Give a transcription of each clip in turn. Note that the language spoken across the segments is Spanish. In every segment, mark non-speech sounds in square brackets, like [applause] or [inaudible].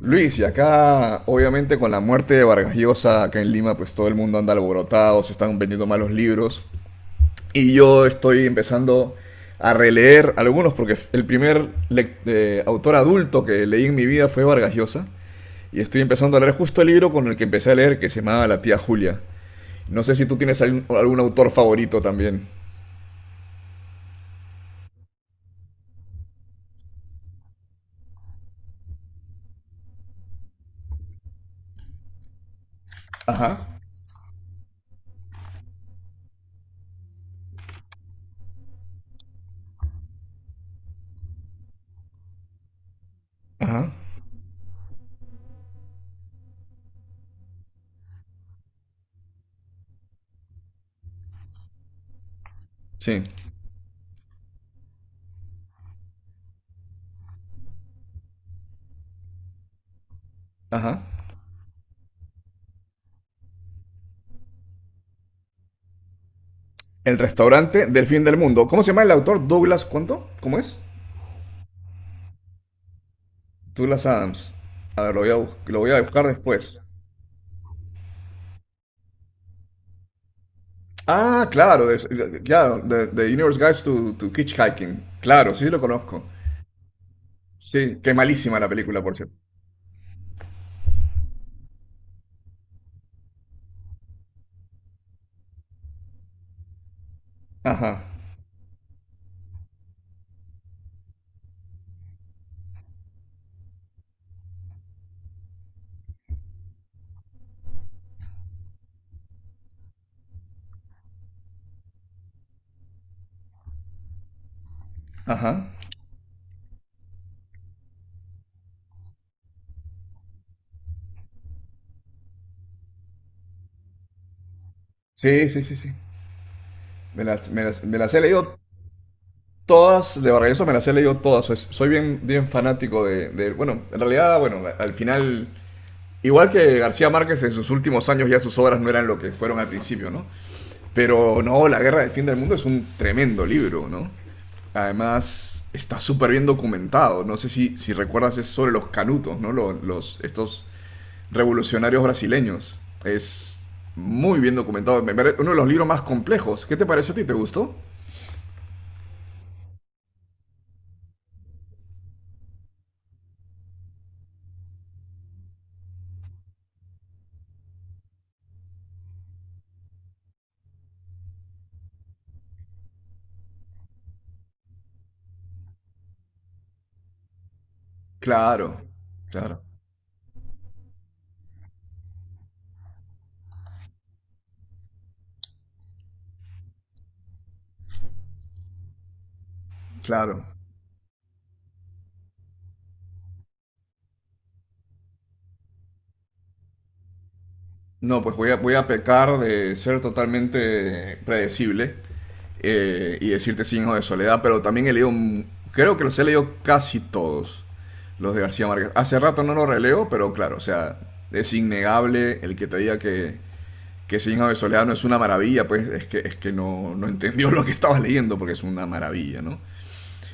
Luis, y acá obviamente con la muerte de Vargas Llosa acá en Lima, pues todo el mundo anda alborotado, se están vendiendo malos libros. Y yo estoy empezando a releer algunos porque el primer autor adulto que leí en mi vida fue Vargas Llosa. Y estoy empezando a leer justo el libro con el que empecé a leer, que se llamaba La tía Julia. No sé si tú tienes algún autor favorito también. Ajá, ajá, sí, ajá. El restaurante del fin del mundo. ¿Cómo se llama el autor? Douglas, ¿cuánto? ¿Cómo es? Douglas Adams. A ver, lo voy a buscar después. Ah, claro, The Universe Guides to Hitchhiking. Claro, sí lo conozco. Sí, qué malísima la película, por cierto. Ajá, ajá. Sí, sí, sí, sí. Me las he leído todas, de Vargas Llosa me las he leído todas. Soy bien fanático de, bueno, en realidad, bueno, al final... Igual que García Márquez en sus últimos años ya sus obras no eran lo que fueron al principio, ¿no? Pero no, La Guerra del Fin del Mundo es un tremendo libro, ¿no? Además, está súper bien documentado. No sé si, si recuerdas, es sobre los canutos, ¿no? Estos revolucionarios brasileños. Es muy bien documentado. Uno de los libros más complejos. ¿Qué te pareció a ti? ¿Te gustó? Claro, claro, claro. No, pues voy a pecar de ser totalmente predecible y decirte Sin Hijos de Soledad, pero también he leído, creo que los he leído casi todos, los de García Márquez. Hace rato no los releo, pero claro, o sea, es innegable el que te diga que Sin Hijos de Soledad no es una maravilla, pues es que no, no entendió [laughs] lo que estaba leyendo, porque es una maravilla, ¿no?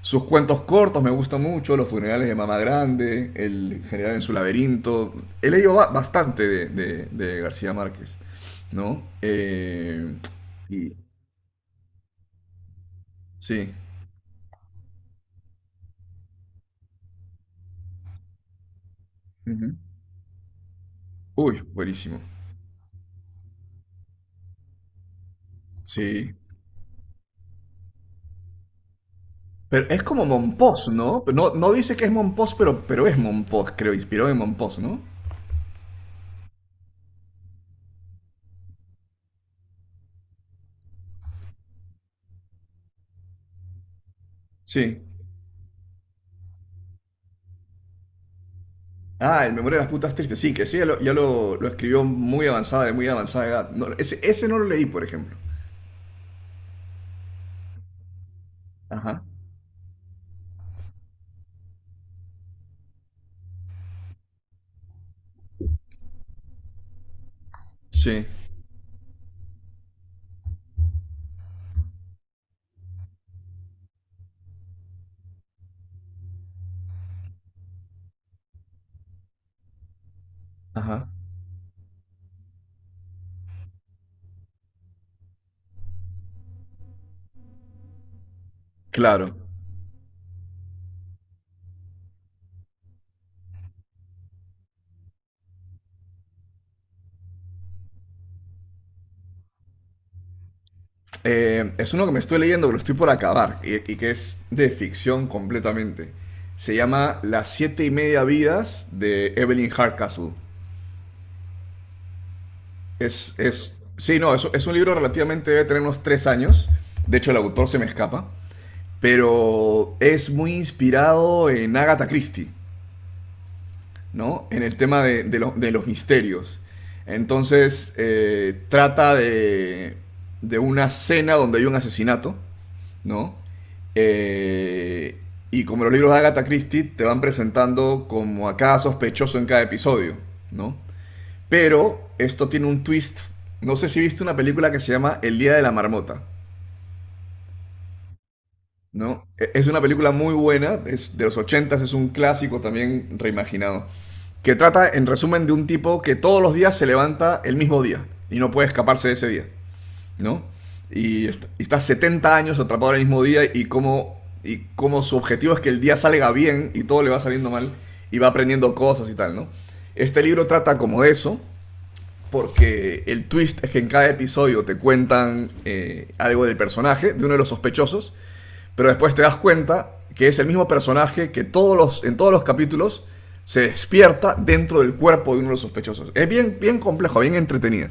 Sus cuentos cortos me gustan mucho, Los funerales de Mamá Grande, El general en su laberinto. He leído bastante de, de García Márquez, ¿no? Y sí. Ujú. Uy, buenísimo. Sí. Pero es como Monpós, ¿no? Pero no, no dice que es Monpós, pero es Monpós, creo, inspiró en Monpós, ¿no? Sí. Ah, el Memoria de las Putas Tristes, sí, que sí, ya lo lo- escribió muy avanzada, de muy avanzada edad. No, ese no lo leí, por ejemplo. Ajá. Sí. Ajá. Claro. Es uno que me estoy leyendo, que lo estoy por acabar, y que es de ficción completamente. Se llama Las siete y media vidas de Evelyn Hardcastle. Sí, no, es un libro relativamente, debe tener unos 3 años. De hecho, el autor se me escapa. Pero es muy inspirado en Agatha Christie, ¿no? En el tema de, de los misterios. Entonces, trata de una cena donde hay un asesinato, ¿no? Eh, y como los libros de Agatha Christie te van presentando como a cada sospechoso en cada episodio, ¿no? Pero esto tiene un twist. No sé si viste una película que se llama El Día de la Marmota, ¿no? Es una película muy buena, es de los ochentas, es un clásico también reimaginado, que trata en resumen de un tipo que todos los días se levanta el mismo día y no puede escaparse de ese día, ¿no? Y, y está 70 años atrapado en el mismo día y como y cómo su objetivo es que el día salga bien y todo le va saliendo mal y va aprendiendo cosas y tal, ¿no? Este libro trata como de eso, porque el twist es que en cada episodio te cuentan algo del personaje, de uno de los sospechosos, pero después te das cuenta que es el mismo personaje que todos los, en todos los capítulos se despierta dentro del cuerpo de uno de los sospechosos. Es bien, bien complejo, bien entretenido.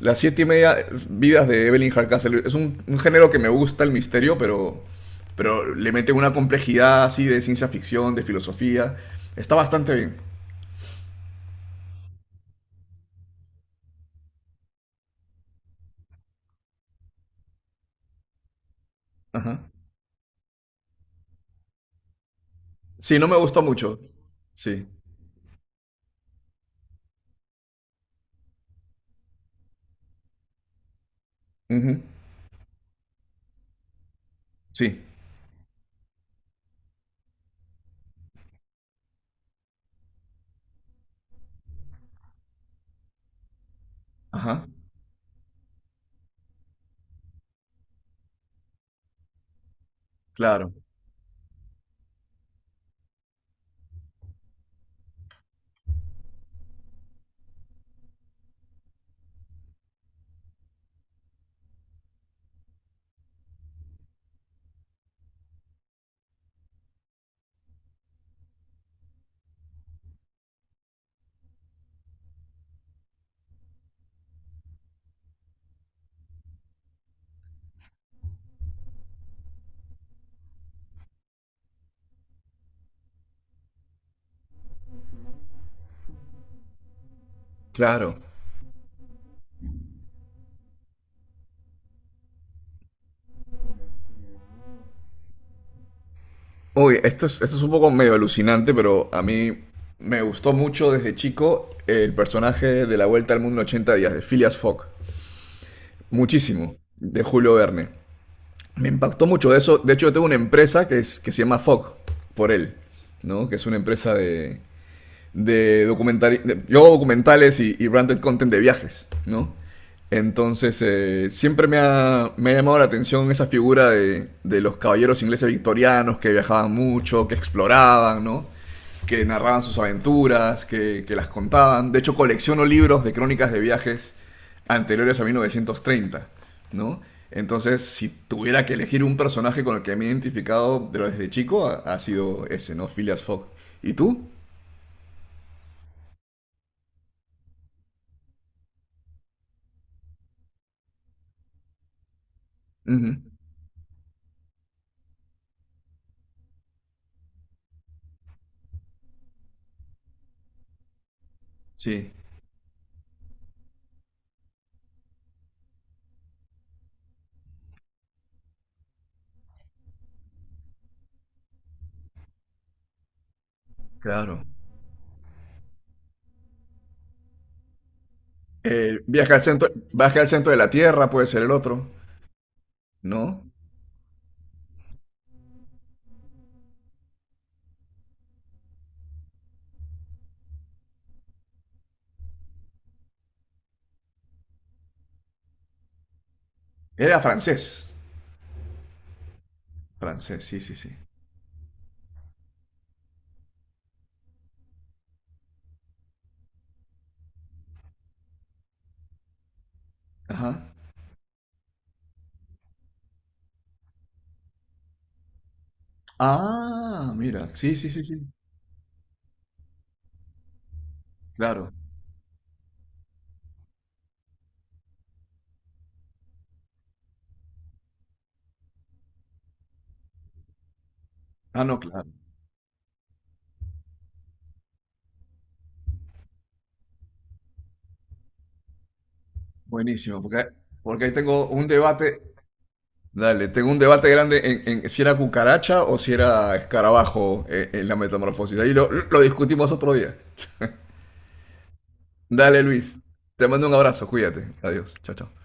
Las siete y media vidas de Evelyn Hardcastle. Es un género que me gusta, el misterio, pero le meten una complejidad así de ciencia ficción, de filosofía. Está bastante bien. Ajá. Sí, no me gustó mucho. Sí. Ujú. Sí. Ajá. Claro. Claro. Uy, esto es un poco medio alucinante, pero a mí me gustó mucho desde chico el personaje de La Vuelta al Mundo en 80 días, de Phileas Fogg. Muchísimo. De Julio Verne. Me impactó mucho eso. De hecho, yo tengo una empresa que se llama FOG, por él, ¿no? Que es una empresa de documental, yo hago documentales y branded content de viajes, ¿no? Entonces, siempre me ha llamado la atención esa figura de los caballeros ingleses victorianos que viajaban mucho, que exploraban, ¿no? Que narraban sus aventuras, que las contaban. De hecho, colecciono libros de crónicas de viajes anteriores a 1930, ¿no? Entonces, si tuviera que elegir un personaje con el que me he identificado desde chico, ha sido ese, ¿no? Phileas Fogg. ¿Y tú? Ujú. Sí, claro. Viaje al centro de la Tierra puede ser el otro, ¿no? Era francés. Francés, sí, sí, sí. Ajá. Ah, mira, sí, sí, sí, sí. Claro. Ah, no, claro. Buenísimo, porque, porque ahí tengo un debate. Dale, tengo un debate grande en si era cucaracha o si era escarabajo en, la metamorfosis. Ahí lo discutimos otro día. Dale, Luis. Te mando un abrazo, cuídate. Adiós. Chao, chao.